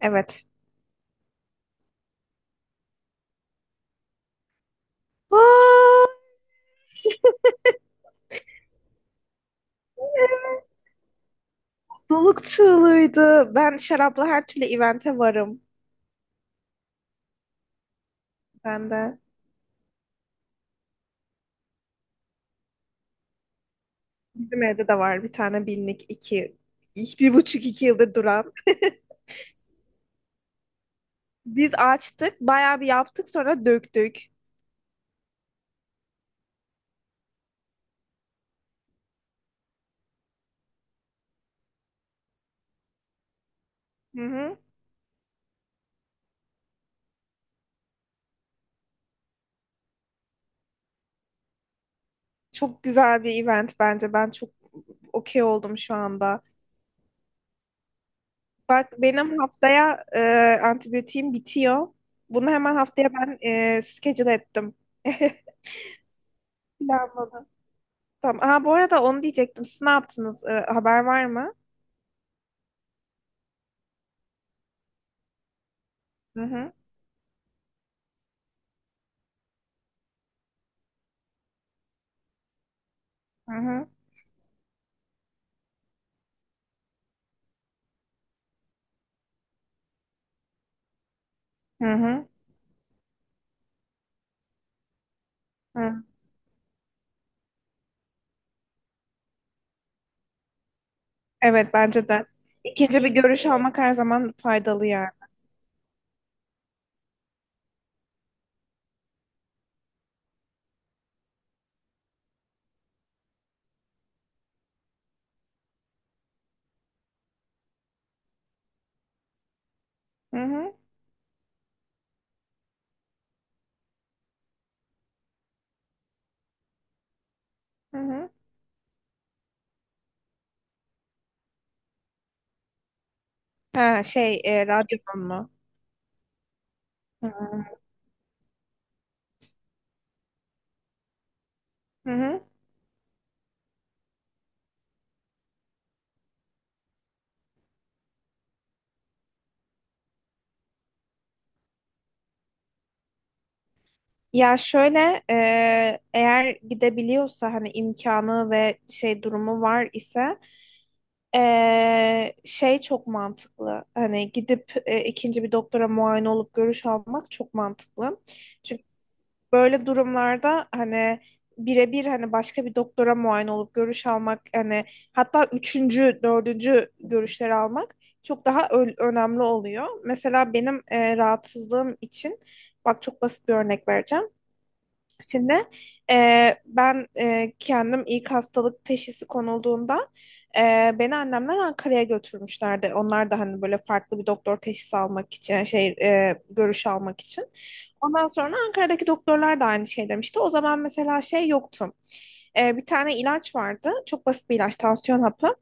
Evet. Aa, evet. Mutluluk çığlığıydı. Ben şarapla her türlü evente varım. Ben de. Bizim evde de var bir tane binlik, iki, bir buçuk iki yıldır duran. Biz açtık, bayağı bir yaptık sonra döktük. Hı hı. Çok güzel bir event bence. Ben çok okey oldum şu anda. Bak benim haftaya antibiyotiğim bitiyor. Bunu hemen haftaya ben schedule ettim. Planladım. Tamam. Aa, bu arada onu diyecektim. Siz ne yaptınız? Haber var mı? Hı hı. Hı hı. Hı hı. Hı. Evet bence de. İkinci bir görüş almak her zaman faydalı yani. Hı hı. Hı hı. Ha şey, radyonun mu? Hı hı. Hı hı. Ya şöyle, eğer gidebiliyorsa hani imkanı ve şey durumu var ise şey çok mantıklı. Hani gidip ikinci bir doktora muayene olup görüş almak çok mantıklı. Çünkü böyle durumlarda hani birebir hani başka bir doktora muayene olup görüş almak, hani hatta üçüncü, dördüncü görüşleri almak çok daha önemli oluyor. Mesela benim rahatsızlığım için bak çok basit bir örnek vereceğim. Şimdi ben kendim ilk hastalık teşhisi konulduğunda, e, beni annemler Ankara'ya götürmüşlerdi. Onlar da hani böyle farklı bir doktor teşhisi almak için, yani şey, görüş almak için. Ondan sonra Ankara'daki doktorlar da aynı şey demişti. O zaman mesela şey yoktu. E, bir tane ilaç vardı. Çok basit bir ilaç, tansiyon hapı.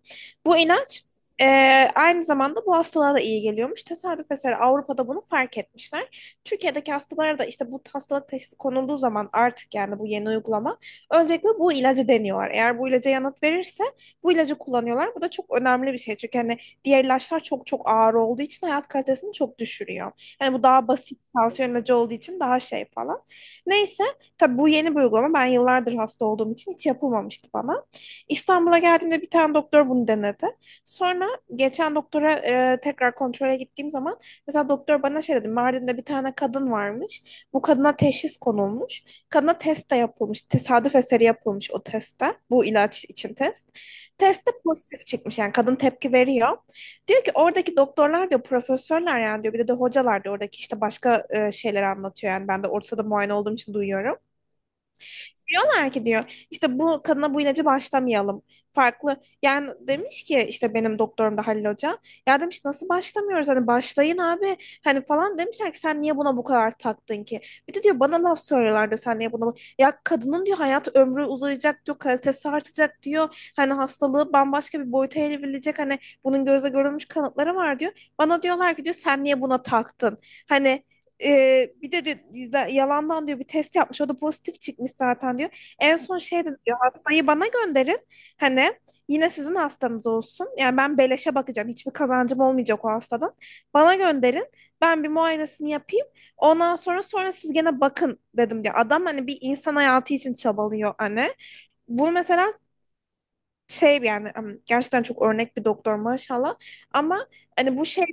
Bu ilaç e, aynı zamanda bu hastalığa da iyi geliyormuş. Tesadüf eseri Avrupa'da bunu fark etmişler. Türkiye'deki hastalara da işte bu hastalık teşhisi konulduğu zaman, artık yani bu yeni uygulama, öncelikle bu ilacı deniyorlar. Eğer bu ilaca yanıt verirse bu ilacı kullanıyorlar. Bu da çok önemli bir şey. Çünkü hani diğer ilaçlar çok çok ağır olduğu için hayat kalitesini çok düşürüyor. Yani bu daha basit tansiyon ilacı olduğu için daha şey falan. Neyse, tabii bu yeni bir uygulama. Ben yıllardır hasta olduğum için hiç yapılmamıştı bana. İstanbul'a geldiğimde bir tane doktor bunu denedi. Sonra geçen doktora tekrar kontrole gittiğim zaman, mesela doktor bana şey dedi. Mardin'de bir tane kadın varmış. Bu kadına teşhis konulmuş. Kadına test de yapılmış. Tesadüf eseri yapılmış o testte. Bu ilaç için test. Testte pozitif çıkmış. Yani kadın tepki veriyor. Diyor ki oradaki doktorlar diyor, profesörler yani diyor. Bir de hocalar diyor. Oradaki işte başka şeyler anlatıyor. Yani ben de ortada muayene olduğum için duyuyorum. Diyorlar ki diyor işte bu kadına bu ilacı başlamayalım. Farklı, yani demiş ki işte benim doktorum da Halil Hoca. Ya demiş nasıl başlamıyoruz, hani başlayın abi hani falan, demişler ki sen niye buna bu kadar taktın ki? Bir de diyor bana laf söylüyorlardı, sen niye buna bu-" Ya kadının diyor hayat ömrü uzayacak diyor, kalitesi artacak diyor. Hani hastalığı bambaşka bir boyuta evrilecek, hani bunun gözle görülmüş kanıtları var diyor. Bana diyorlar ki diyor sen niye buna taktın? Hani bir de, diyor, yalandan diyor bir test yapmış. O da pozitif çıkmış zaten diyor. En son şey de diyor, hastayı bana gönderin. Hani yine sizin hastanız olsun. Yani ben beleşe bakacağım. Hiçbir kazancım olmayacak o hastadan. Bana gönderin. Ben bir muayenesini yapayım. Ondan sonra siz gene bakın dedim diye. Adam hani bir insan hayatı için çabalıyor hani. Bu mesela şey yani gerçekten çok örnek bir doktor maşallah. Ama hani bu şey,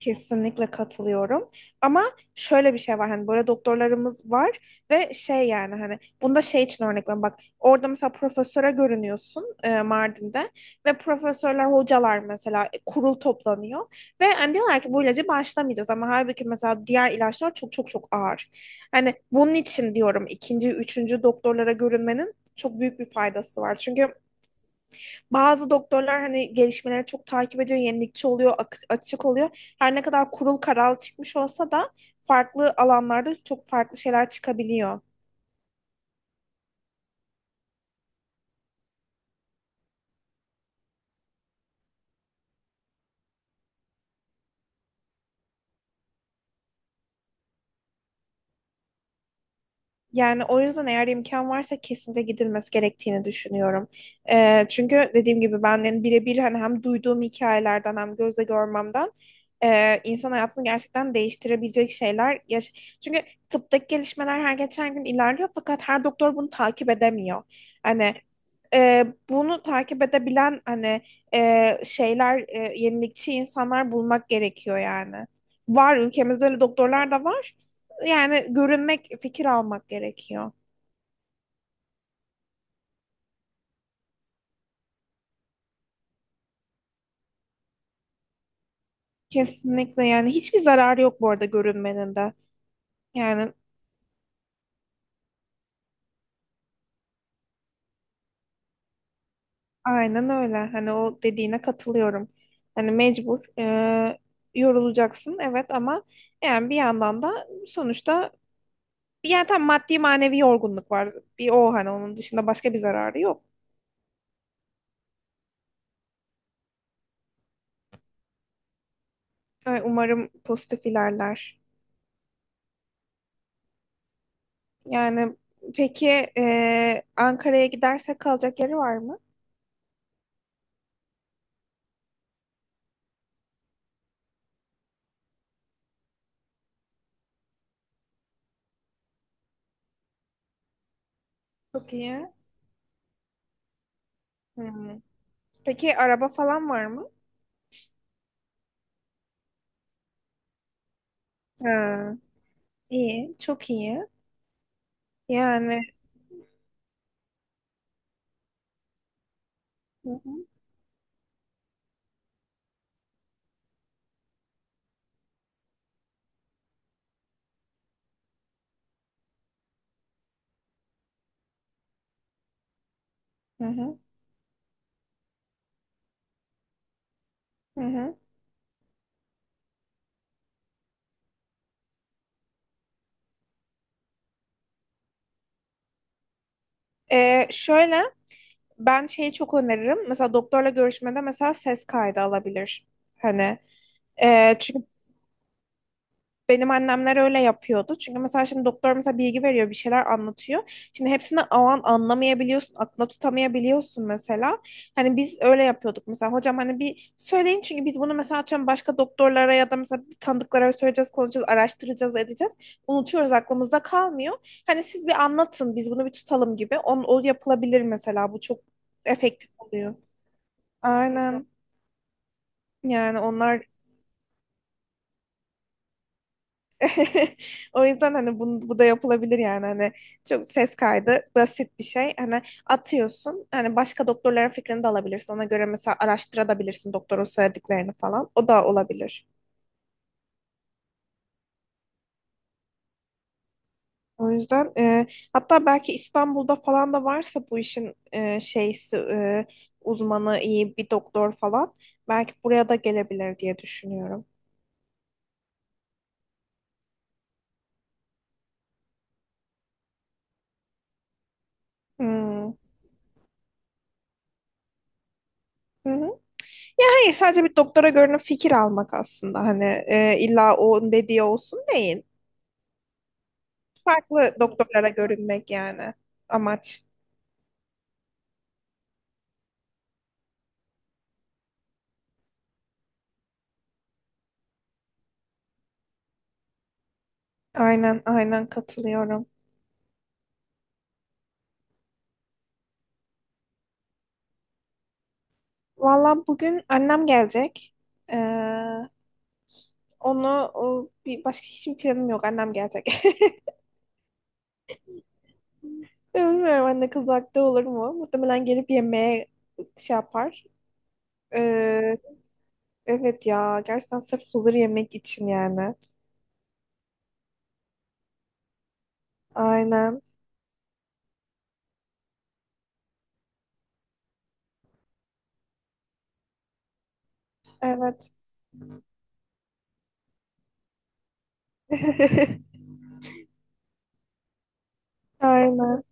kesinlikle katılıyorum. Ama şöyle bir şey var, hani böyle doktorlarımız var ve şey yani, hani bunda şey için örnek veriyorum, bak orada mesela profesöre görünüyorsun, Mardin'de, ve profesörler hocalar mesela, kurul toplanıyor ve hani diyorlar ki bu ilacı başlamayacağız, ama halbuki mesela diğer ilaçlar çok çok çok ağır. Hani bunun için diyorum ikinci, üçüncü doktorlara görünmenin çok büyük bir faydası var. Çünkü bazı doktorlar hani gelişmeleri çok takip ediyor, yenilikçi oluyor, açık oluyor. Her ne kadar kurul karar çıkmış olsa da farklı alanlarda çok farklı şeyler çıkabiliyor. Yani o yüzden eğer imkan varsa kesinlikle gidilmesi gerektiğini düşünüyorum. Çünkü dediğim gibi ben yani birebir hani hem duyduğum hikayelerden hem gözle görmemden, insan hayatını gerçekten değiştirebilecek şeyler. Yaş, çünkü tıptaki gelişmeler her geçen gün ilerliyor fakat her doktor bunu takip edemiyor. Hani bunu takip edebilen hani şeyler, yenilikçi insanlar bulmak gerekiyor yani. Var, ülkemizde öyle doktorlar da var. Yani görünmek, fikir almak gerekiyor. Kesinlikle yani hiçbir zararı yok bu arada görünmenin de. Yani aynen öyle. Hani o dediğine katılıyorum. Hani mecbur yorulacaksın evet, ama yani bir yandan da sonuçta yani tam maddi manevi yorgunluk var. Bir o, hani onun dışında başka bir zararı yok. Ay, umarım pozitif ilerler. Yani peki, Ankara'ya gidersek kalacak yeri var mı? Çok iyi. Hmm. Peki araba falan var mı? Ha, iyi, çok iyi. Yani hı hı, hı hı, hı hı. E, şöyle, ben şeyi çok öneririm. Mesela doktorla görüşmede mesela ses kaydı alabilir. Hani çünkü benim annemler öyle yapıyordu. Çünkü mesela şimdi doktor mesela bilgi veriyor, bir şeyler anlatıyor. Şimdi hepsini o an anlamayabiliyorsun, akla tutamayabiliyorsun mesela. Hani biz öyle yapıyorduk mesela. Hocam hani bir söyleyin, çünkü biz bunu mesela atıyorum başka doktorlara ya da mesela tanıdıklara söyleyeceğiz, konuşacağız, araştıracağız, edeceğiz. Unutuyoruz, aklımızda kalmıyor. Hani siz bir anlatın, biz bunu bir tutalım gibi. O yapılabilir mesela. Bu çok efektif oluyor. Aynen. Yani onlar. O yüzden hani bu da yapılabilir yani, hani çok ses kaydı basit bir şey. Hani atıyorsun hani başka doktorların fikrini de alabilirsin. Ona göre mesela araştırabilirsin doktorun söylediklerini falan. O da olabilir. O yüzden hatta belki İstanbul'da falan da varsa bu işin şeysi, uzmanı iyi bir doktor falan belki buraya da gelebilir diye düşünüyorum. Hmm. Hı hı. Hayır, sadece bir doktora görünüp fikir almak aslında hani, illa o dediği olsun değil. Farklı doktorlara görünmek yani amaç. Aynen aynen katılıyorum. Valla bugün annem gelecek. Ee, onu, o, bir başka hiçbir planım yok. Annem gelecek. Bilmiyorum anne kız haklı olur mu? Muhtemelen gelip yemeğe şey yapar. Ee, evet ya, gerçekten sırf hazır yemek için yani. Aynen. Evet. Aynen.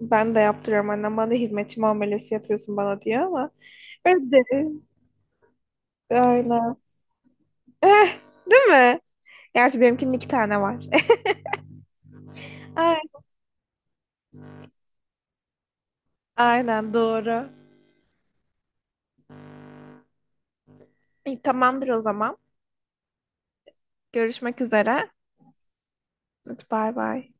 Ben de yaptırıyorum annem. Bana da hizmetçi muamelesi yapıyorsun bana diyor ama. Evet. Aynen. Eh, değil mi? Gerçi benimkinin iki tane var. Ay, aynen doğru. İyi, tamamdır o zaman. Görüşmek üzere. Hadi bay bay.